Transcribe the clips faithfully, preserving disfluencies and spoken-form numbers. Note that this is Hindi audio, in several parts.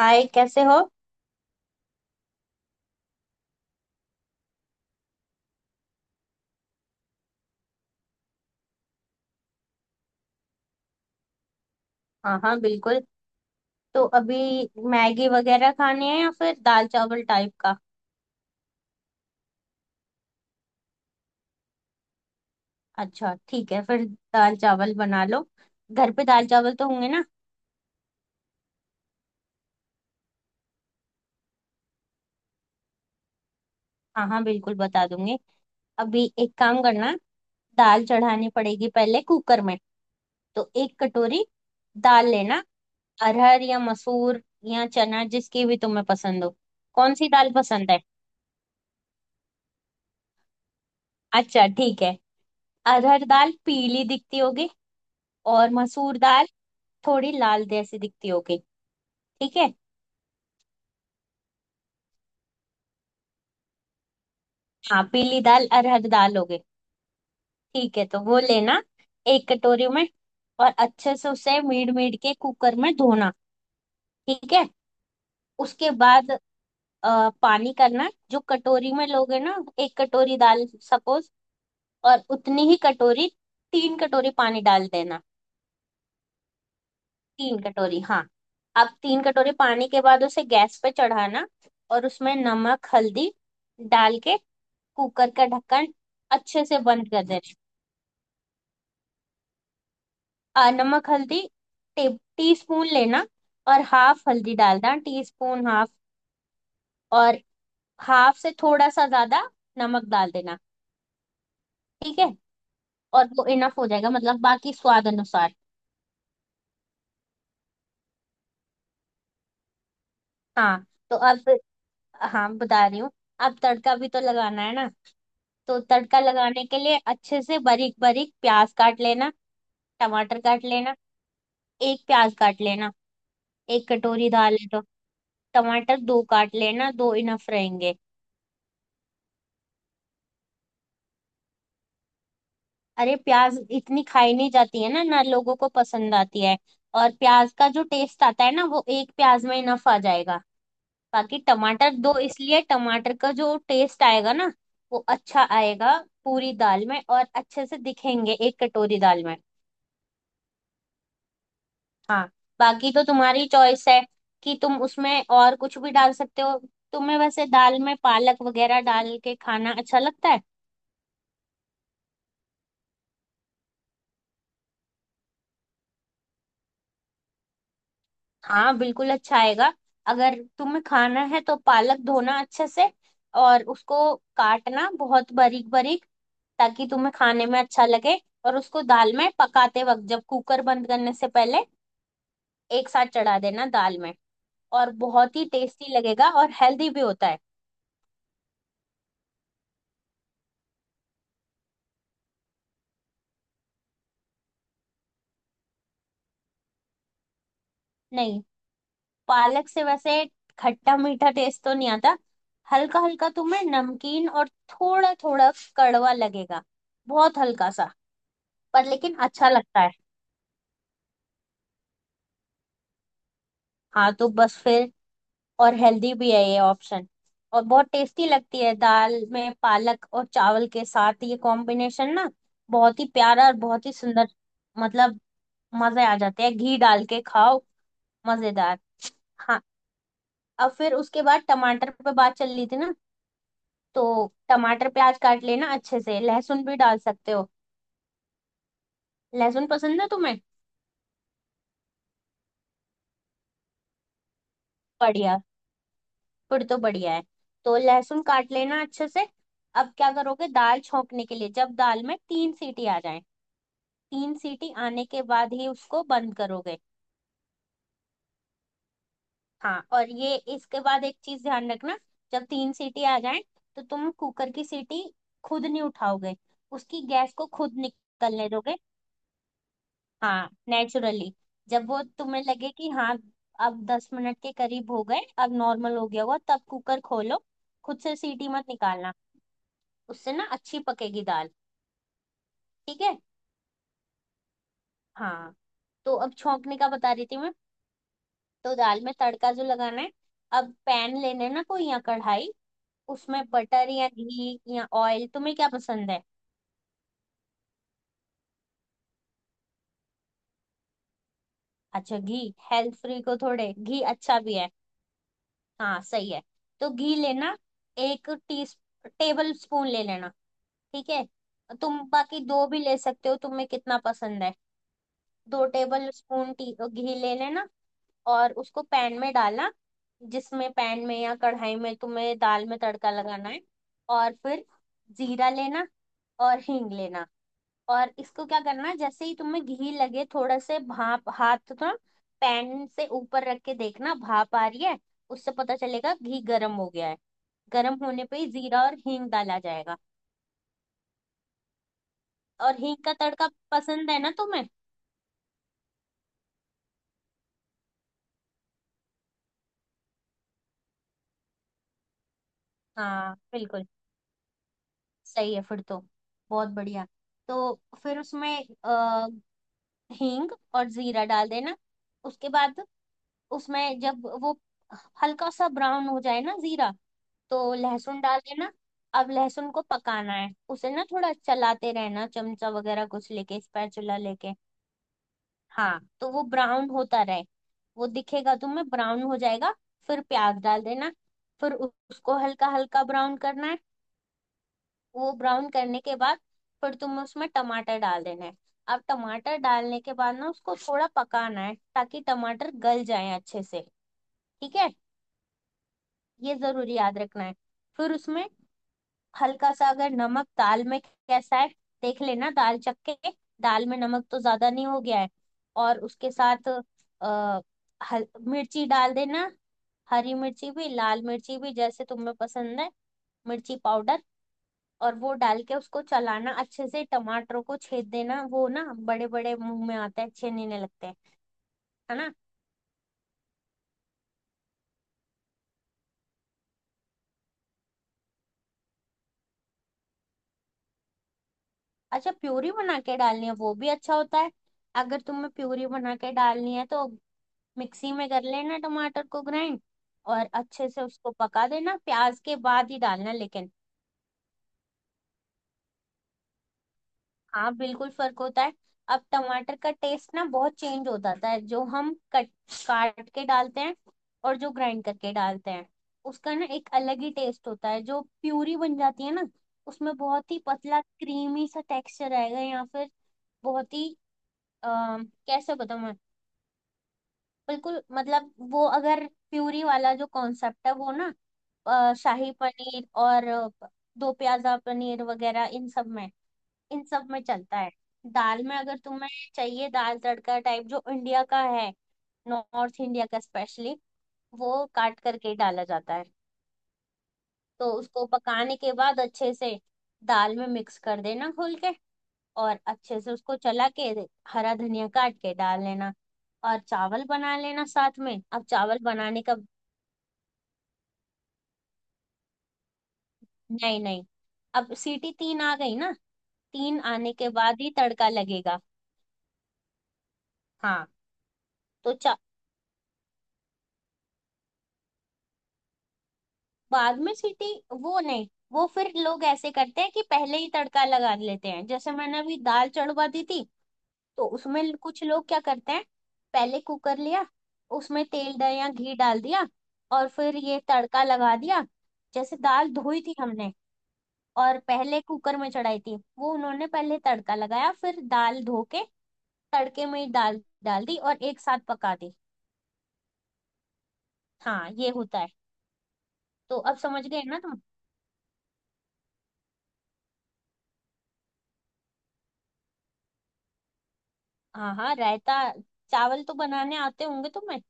हाय, कैसे हो। हाँ हाँ बिल्कुल। तो अभी मैगी वगैरह खाने हैं या फिर दाल चावल टाइप का। अच्छा ठीक है फिर, दाल चावल बना लो। घर पे दाल चावल तो होंगे ना। हाँ हाँ बिल्कुल बता दूंगी। अभी एक काम करना, दाल चढ़ानी पड़ेगी पहले कुकर में। तो एक कटोरी दाल लेना। अरहर या मसूर या चना, जिसकी भी तुम्हें पसंद हो। कौन सी दाल पसंद है। अच्छा ठीक है। अरहर दाल पीली दिखती होगी और मसूर दाल थोड़ी लाल जैसी दिखती होगी। ठीक है। हाँ, पीली दाल अरहर दाल हो गई। ठीक है तो वो लेना एक कटोरी में, और अच्छे से उसे मीड मीड के कुकर में धोना। ठीक है। उसके बाद अ, पानी करना, जो कटोरी में लोगे ना, एक कटोरी दाल सपोज, और उतनी ही कटोरी, तीन कटोरी पानी डाल देना। तीन कटोरी हाँ। अब तीन कटोरी पानी के बाद उसे गैस पे चढ़ाना, और उसमें नमक हल्दी डाल के कुकर का ढक्कन अच्छे से बंद कर देना। आ, नमक हल्दी, टे, टी स्पून लेना। और हाफ हल्दी डालना, टी स्पून हाफ। और हाफ से थोड़ा सा ज्यादा नमक डाल देना। ठीक है। और वो इनफ हो जाएगा, मतलब बाकी स्वाद अनुसार। हाँ तो अब, हाँ बता रही हूँ। अब तड़का भी तो लगाना है ना। तो तड़का लगाने के लिए अच्छे से बारीक बारीक प्याज काट लेना। टमाटर काट लेना। एक प्याज काट लेना, एक कटोरी दाल है तो। टमाटर दो काट लेना, दो इनफ रहेंगे। अरे, प्याज इतनी खाई नहीं जाती है ना ना लोगों को पसंद आती है। और प्याज का जो टेस्ट आता है ना, वो एक प्याज में इनफ आ जाएगा। बाकी टमाटर दो इसलिए, टमाटर का जो टेस्ट आएगा ना, वो अच्छा आएगा पूरी दाल में। और अच्छे से दिखेंगे एक कटोरी दाल में। हाँ, बाकी तो तुम्हारी चॉइस है कि तुम उसमें और कुछ भी डाल सकते हो। तुम्हें वैसे दाल में पालक वगैरह डाल के खाना अच्छा लगता है। हाँ बिल्कुल, अच्छा आएगा। अगर तुम्हें खाना है तो पालक धोना अच्छे से, और उसको काटना बहुत बारीक बारीक, ताकि तुम्हें खाने में अच्छा लगे। और उसको दाल में पकाते वक्त, जब कुकर बंद करने से पहले एक साथ चढ़ा देना दाल में। और बहुत ही टेस्टी लगेगा, और हेल्दी भी होता है। नहीं, पालक से वैसे खट्टा मीठा टेस्ट तो नहीं आता। हल्का हल्का तुम्हें नमकीन, और थोड़ा थोड़ा कड़वा लगेगा। बहुत हल्का सा, पर लेकिन अच्छा लगता है। हाँ तो बस फिर, और हेल्दी भी है ये ऑप्शन। और बहुत टेस्टी लगती है दाल में पालक, और चावल के साथ ये कॉम्बिनेशन ना, बहुत ही प्यारा और बहुत ही सुंदर। मतलब, मजे आ जाते हैं, घी डाल के खाओ। मजेदार। हाँ, अब फिर उसके बाद टमाटर पे बात चल रही थी ना। तो टमाटर प्याज काट लेना अच्छे से, लहसुन भी डाल सकते हो। लहसुन पसंद है तुम्हें। बढ़िया, फिर तो बढ़िया है। तो लहसुन काट लेना अच्छे से। अब क्या करोगे दाल छोंकने के लिए, जब दाल में तीन सीटी आ जाए। तीन सीटी आने के बाद ही उसको बंद करोगे। हाँ, और ये इसके बाद एक चीज ध्यान रखना, जब तीन सीटी आ जाए तो तुम कुकर की सीटी खुद नहीं उठाओगे। उसकी गैस को खुद निकलने दोगे। हाँ, नेचुरली। जब वो तुम्हें लगे कि हाँ, अब दस मिनट के करीब हो गए, अब नॉर्मल हो गया होगा, तब कुकर खोलो। खुद से सीटी मत निकालना। उससे ना अच्छी पकेगी दाल। ठीक है। हाँ तो अब छौंकने का बता रही थी मैं। तो दाल में तड़का जो लगाना है, अब पैन लेना है ना कोई, या कढ़ाई। उसमें बटर या घी या ऑयल, तुम्हें क्या पसंद है। अच्छा, घी। हेल्थ फ्री को थोड़े घी अच्छा भी है। हाँ सही है। तो घी लेना, एक टी टेबल स्पून ले लेना। ठीक है। तुम बाकी दो भी ले सकते हो, तुम्हें कितना पसंद है। दो टेबल स्पून टी घी ले लेना, और उसको पैन में डालना, जिसमें पैन में या कढ़ाई में तुम्हें दाल में तड़का लगाना है। और फिर जीरा लेना और हींग लेना। और इसको क्या करना है, जैसे ही तुम्हें घी लगे थोड़ा, से भाप, हाथ थोड़ा पैन से ऊपर रख के देखना भाप आ रही है। उससे पता चलेगा घी गर्म हो गया है। गर्म होने पे ही जीरा और हींग डाला जाएगा। और हींग का तड़का पसंद है ना तुम्हें। हाँ बिल्कुल सही है, फिर तो बहुत बढ़िया। तो फिर उसमें अ, हींग और जीरा डाल देना। उसके बाद उसमें जब वो हल्का सा ब्राउन हो जाए ना जीरा, तो लहसुन डाल देना। अब लहसुन को पकाना है उसे ना, थोड़ा चलाते रहना, चमचा वगैरह कुछ लेके, स्पैचुला लेके। हाँ, तो वो ब्राउन होता रहे, वो दिखेगा तुम्हें ब्राउन हो जाएगा। फिर प्याज डाल देना। फिर उ- उसको हल्का हल्का ब्राउन करना है। वो ब्राउन करने के बाद फिर तुम्हें उसमें टमाटर डाल देना है। अब टमाटर डालने के बाद ना, उसको थोड़ा पकाना है ताकि टमाटर गल जाए अच्छे से। ठीक है, ये जरूर याद रखना है। फिर उसमें हल्का सा, अगर नमक दाल में कैसा है, देख लेना दाल चख के, दाल में नमक तो ज्यादा नहीं हो गया है। और उसके साथ आ, हल, मिर्ची डाल देना। हरी मिर्ची भी लाल मिर्ची भी, जैसे तुम्हें पसंद है, मिर्ची पाउडर। और वो डाल के उसको चलाना अच्छे से, टमाटरों को छेद देना, वो ना बड़े बड़े मुंह में आते हैं, अच्छे नहीं नहीं लगते हैं, है ना। अच्छा, प्यूरी बना के डालनी है, वो भी अच्छा होता है। अगर तुम्हें प्यूरी बना के डालनी है तो मिक्सी में कर लेना टमाटर को ग्राइंड। और अच्छे से उसको पका देना, प्याज के बाद ही डालना लेकिन। हाँ बिल्कुल फर्क होता है। अब टमाटर का टेस्ट ना बहुत चेंज हो जाता है, जो हम कट काट के डालते हैं, और जो ग्राइंड करके डालते हैं, उसका ना एक अलग ही टेस्ट होता है। जो प्यूरी बन जाती है ना, उसमें बहुत ही पतला क्रीमी सा टेक्सचर आएगा। या फिर बहुत ही आ, कैसे बताऊं मैं, बिल्कुल मतलब वो, अगर प्यूरी वाला जो कॉन्सेप्ट है वो ना, अ, शाही पनीर और अ, दो प्याजा पनीर वगैरह, इन सब में, इन सब में चलता है। दाल में अगर तुम्हें चाहिए दाल तड़का टाइप जो इंडिया का है, नॉर्थ इंडिया का स्पेशली, वो काट करके डाला जाता है। तो उसको पकाने के बाद अच्छे से दाल में मिक्स कर देना घोल के, और अच्छे से उसको चला के हरा धनिया काट के डाल लेना। और चावल बना लेना साथ में, अब चावल बनाने का। नहीं नहीं, अब सीटी तीन आ गई ना, तीन आने के बाद ही तड़का लगेगा। हाँ तो चा- बाद में सीटी वो नहीं, वो फिर लोग ऐसे करते हैं कि पहले ही तड़का लगा लेते हैं, जैसे मैंने अभी दाल चढ़वा दी थी। तो उसमें कुछ लोग क्या करते हैं, पहले कुकर लिया, उसमें तेल डाल या घी डाल दिया, और फिर ये तड़का लगा दिया। जैसे दाल धोई थी हमने और पहले कुकर में चढ़ाई थी, वो उन्होंने पहले तड़का लगाया, फिर दाल धो के तड़के में ही दाल डाल दी और एक साथ पका दी। हाँ, ये होता है। तो अब समझ गए ना तुम। हाँ हाँ, रायता। चावल तो बनाने आते होंगे तुम्हें।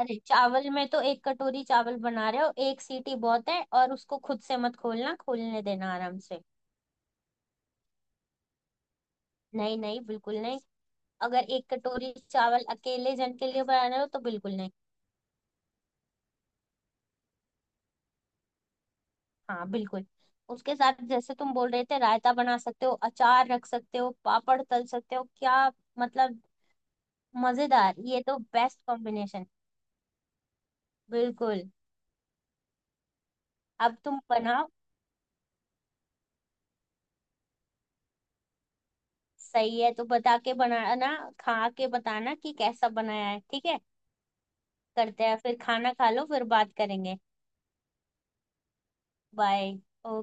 अरे चावल में तो, एक कटोरी चावल बना रहे हो, एक सीटी बहुत है, और उसको खुद से मत खोलना, खोलने देना आराम से। नहीं नहीं बिल्कुल नहीं। अगर एक कटोरी चावल अकेले जन के लिए बना रहे हो तो बिल्कुल नहीं। हाँ बिल्कुल। उसके साथ जैसे तुम बोल रहे थे, रायता बना सकते हो, अचार रख सकते हो, पापड़ तल सकते हो क्या, मतलब। मजेदार, ये तो बेस्ट कॉम्बिनेशन। बिल्कुल। अब तुम बनाओ। सही है, तो बता के बनाना, खा के बताना कि कैसा बनाया है। ठीक है, करते हैं फिर, खाना खा लो, फिर बात करेंगे। बाय।